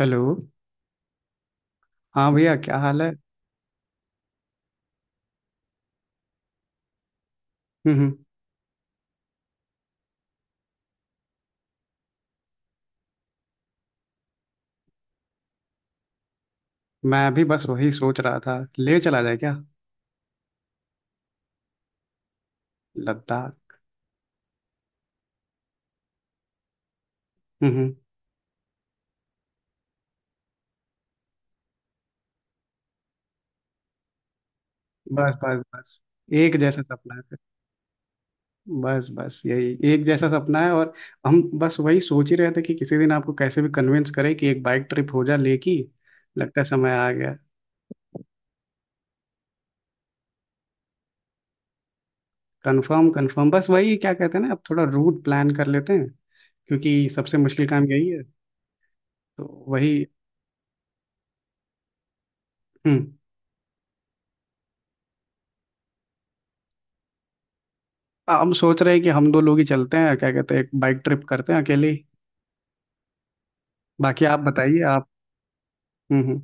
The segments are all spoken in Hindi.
हेलो। हाँ भैया, क्या हाल है। हम्म हम्म, मैं भी बस वही सोच रहा था, ले चला जाए क्या। लद्दाख। हम्म हम्म, बस बस बस, एक जैसा सपना है फिर। बस बस, यही एक जैसा सपना है। और हम बस वही सोच ही रहे थे कि किसी दिन आपको कैसे भी कन्विंस करें कि एक बाइक ट्रिप हो जा ले की। लगता है समय आ गया। Confirm confirm. बस वही क्या कहते हैं ना, अब थोड़ा रूट प्लान कर लेते हैं, क्योंकि सबसे मुश्किल काम यही है। तो वही। हम्म हम सोच रहे हैं कि हम दो लोग ही चलते हैं, क्या कहते हैं, एक बाइक ट्रिप करते हैं अकेले। बाकी आप बताइए, आप। हम्म हम्म।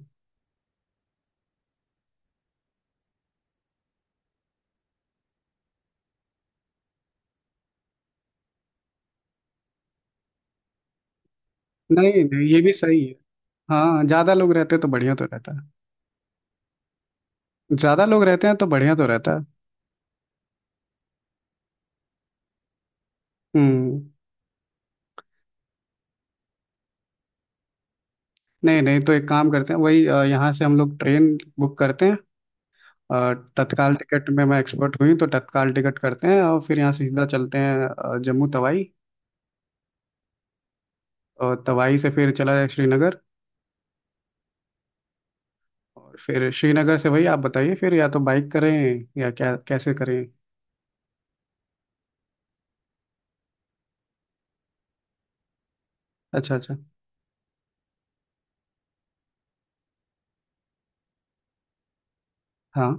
नहीं नहीं, ये भी सही है। हाँ, ज्यादा लोग रहते तो बढ़िया तो रहता। ज्यादा लोग रहते हैं तो बढ़िया तो रहता। हम्म। नहीं नहीं, तो एक काम करते हैं, वही यहाँ से हम लोग ट्रेन बुक करते हैं। तत्काल टिकट में मैं एक्सपर्ट हुई हूँ, तो तत्काल टिकट करते हैं, और फिर यहाँ से सीधा चलते हैं जम्मू तवाई। और तवाई से फिर चला जाए श्रीनगर। और फिर श्रीनगर से वही आप बताइए, फिर या तो बाइक करें या क्या कैसे करें। अच्छा अच्छा। हाँ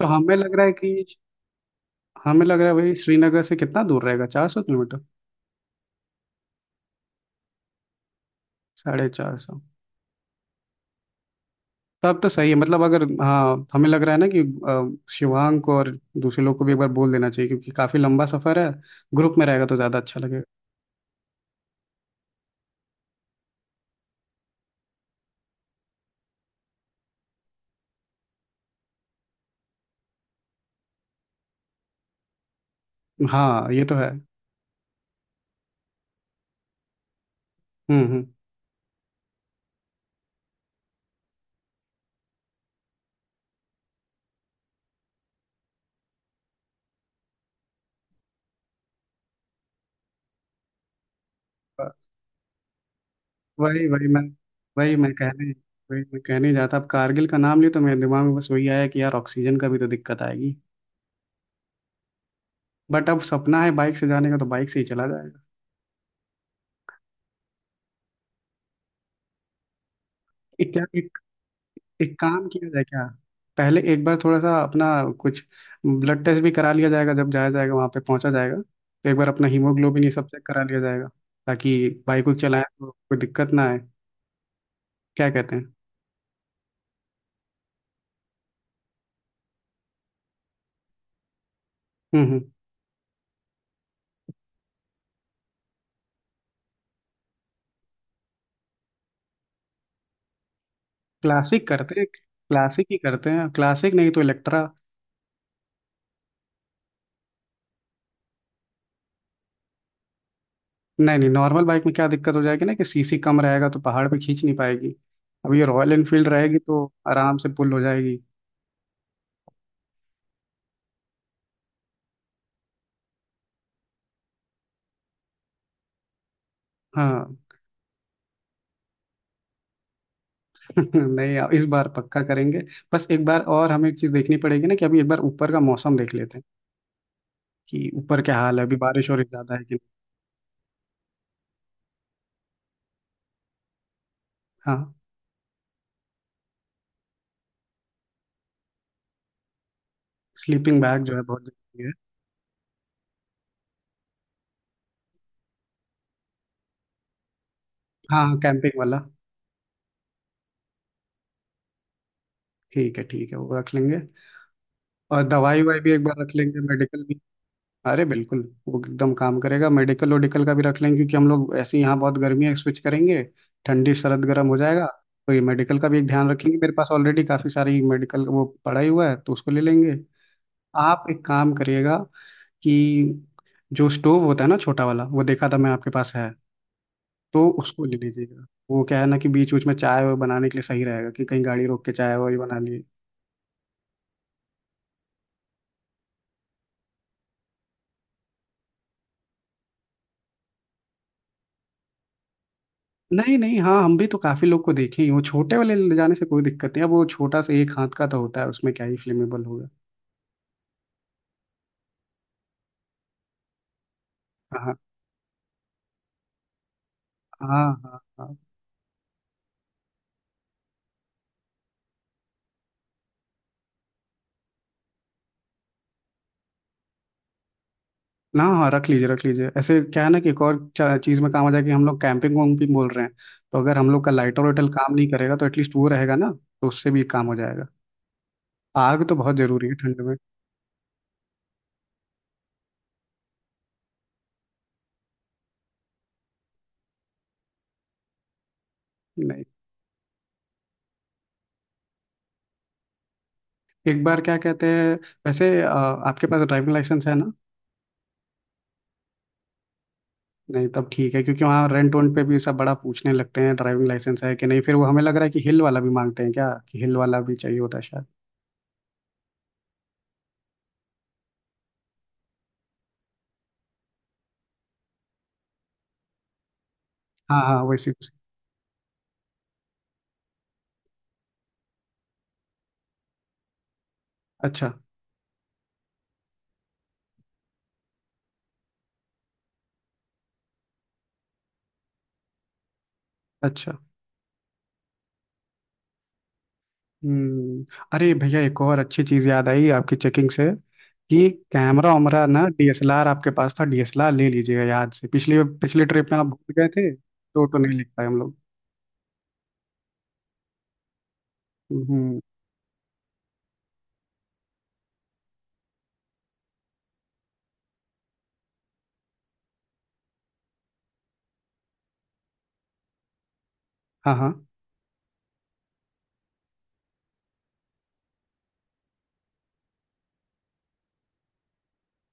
तो हमें लग रहा है कि, हमें लग रहा है वही श्रीनगर से कितना दूर रहेगा, 400 किलोमीटर। 450। तब तो सही है। मतलब अगर, हाँ, हमें लग रहा है ना कि शिवांग को और दूसरे लोग को भी एक बार बोल देना चाहिए, क्योंकि काफ़ी लंबा सफ़र है। ग्रुप में रहेगा तो ज़्यादा अच्छा लगेगा। हाँ ये तो है। हम्म। बस वही वही वही मैं कहने मैं कहने जाता, अब कारगिल का नाम लिया तो मेरे दिमाग में बस वही आया कि यार ऑक्सीजन का भी तो दिक्कत आएगी। बट अब सपना है बाइक से जाने का, तो बाइक से ही चला जाएगा। इत्या एक काम किया जाए क्या, पहले एक बार थोड़ा सा अपना कुछ ब्लड टेस्ट भी करा लिया जाएगा। जब जाया जाएगा, वहाँ पे पहुँचा जाएगा, तो एक बार अपना हीमोग्लोबिन ये सब चेक करा लिया जाएगा, ताकि बाइक को चलाएं तो कोई दिक्कत ना आए। क्या कहते हैं। हम्म। क्लासिक करते हैं, क्लासिक ही करते हैं, क्लासिक नहीं तो इलेक्ट्रा। नहीं नहीं, नॉर्मल बाइक में क्या दिक्कत हो जाएगी ना कि सीसी कम रहेगा तो पहाड़ पे खींच नहीं पाएगी। अब ये रॉयल एनफील्ड रहेगी तो आराम से पुल हो जाएगी। हाँ। नहीं, अब इस बार पक्का करेंगे। बस एक बार और हमें एक चीज देखनी पड़ेगी ना कि अभी एक बार ऊपर का मौसम देख लेते हैं कि ऊपर क्या हाल है, अभी बारिश हो रही ज्यादा है कि नहीं। हाँ, स्लीपिंग बैग जो है, बहुत जरूरी है। हाँ हाँ, कैंपिंग वाला। ठीक है ठीक है, वो रख लेंगे। और दवाई वाई भी एक बार रख लेंगे, मेडिकल भी। अरे बिल्कुल, वो एकदम काम करेगा। मेडिकल वोडिकल का भी रख लेंगे, क्योंकि हम लोग ऐसे ही यहाँ बहुत गर्मी है, स्विच करेंगे, ठंडी सरद, गर्म हो जाएगा। तो ये मेडिकल का भी एक ध्यान रखेंगे। मेरे पास ऑलरेडी काफी सारी मेडिकल वो पड़ा ही हुआ है, तो उसको ले लेंगे। आप एक काम करिएगा कि जो स्टोव होता है ना, छोटा वाला, वो देखा था मैं आपके पास है। तो उसको ले लीजिएगा। वो क्या है ना कि बीच बीच में चाय वो बनाने के लिए सही रहेगा कि कहीं गाड़ी रोक के चाय वही बना लिए। नहीं नहीं, हाँ हम भी तो काफी लोग को देखे ही हैं। वो छोटे वाले ले जाने से कोई दिक्कत नहीं है। वो छोटा सा एक हाथ का तो होता है, उसमें क्या ही फ्लेमेबल होगा। हाँ हाँ हाँ हाँ। ना, हाँ, रख लीजिए रख लीजिए। ऐसे क्या है ना कि एक और चीज़ में काम आ जाए। कि हम लोग कैंपिंग वैम्पिंग बोल रहे हैं, तो अगर हम लोग का लाइटर वाइटर काम नहीं करेगा, तो एटलीस्ट वो रहेगा ना, तो उससे भी काम हो जाएगा। आग तो बहुत जरूरी है ठंड में। एक बार क्या कहते हैं, वैसे आपके पास ड्राइविंग लाइसेंस है ना। नहीं तब ठीक है, क्योंकि वहाँ रेंट वेंट पे भी सब बड़ा पूछने लगते हैं ड्राइविंग लाइसेंस है कि नहीं। फिर वो हमें लग रहा है कि हिल वाला भी मांगते हैं क्या, कि हिल वाला भी चाहिए होता है शायद। हाँ हाँ, वैसे। अच्छा। अच्छा। हम्म। अरे भैया, एक और अच्छी चीज़ याद आई आपकी चेकिंग से, कि कैमरा वैमरा ना, डीएसएलआर आपके पास था, डीएसएलआर ले लीजिएगा याद से। पिछली पिछली ट्रिप में आप भूल गए थे, तो नहीं लिख पाए हम लोग। हम्म। हाँ हाँ।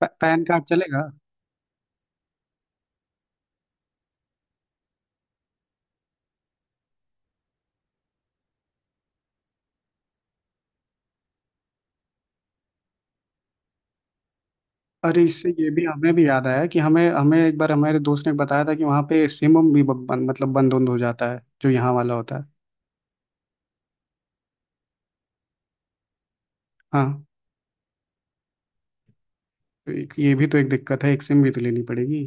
पैन कार्ड चलेगा। अरे इससे ये भी हमें भी याद आया कि हमें हमें एक बार हमारे दोस्त ने बताया था कि वहाँ पे सिम उम भी बंद, मतलब बंद उंद हो जाता है जो यहाँ वाला होता है। हाँ, तो एक ये भी तो एक दिक्कत है, एक सिम भी तो लेनी पड़ेगी।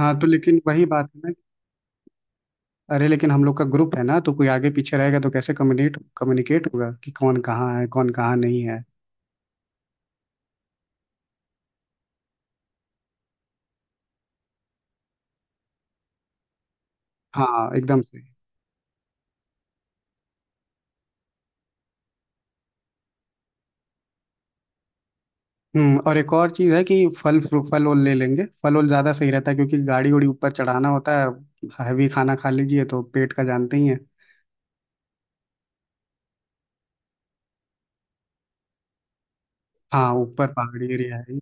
हाँ, तो लेकिन वही बात है ना, अरे लेकिन हम लोग का ग्रुप है ना, तो कोई आगे पीछे रहेगा तो कैसे कम्युनिकेट कम्युनिकेट होगा कि कौन कहाँ है, कौन कहाँ नहीं है। हाँ एकदम से। हम्म, और एक और चीज़ है कि फल फल वल ले लेंगे। फल वल ज़्यादा सही रहता है क्योंकि गाड़ी उड़ी ऊपर चढ़ाना होता है, हैवी खाना खा लीजिए तो पेट का जानते ही है। हाँ ऊपर पहाड़ी एरिया है।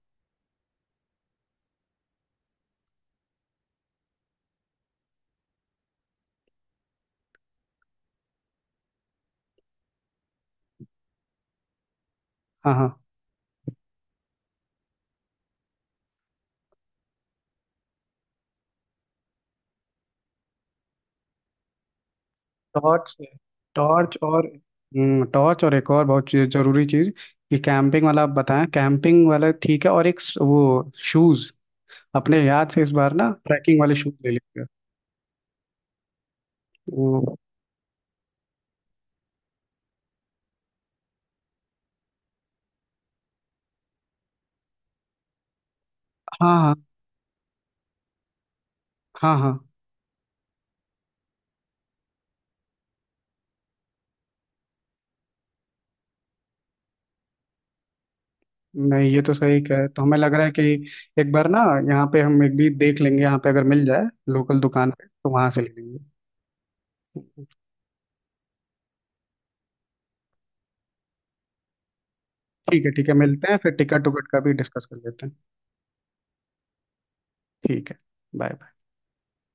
हाँ हाँ। टॉर्च, टॉर्च और टॉर्च और एक और बहुत जरूरी चीज कि कैंपिंग वाला आप बताएं, कैंपिंग वाला ठीक है। और एक वो शूज अपने याद से इस बार ना ट्रैकिंग वाले शूज ले लेंगे। वो हाँ हाँ हाँ हाँ। नहीं, ये तो सही कह रहे हैं। तो हमें लग रहा है कि एक बार ना यहाँ पे हम एक भी देख लेंगे, यहाँ पे अगर मिल जाए लोकल दुकान पे, तो वहां से ले लेंगे। ठीक है ठीक है, मिलते हैं फिर। टिकट टुकट का भी डिस्कस कर लेते हैं। ठीक है। बाय।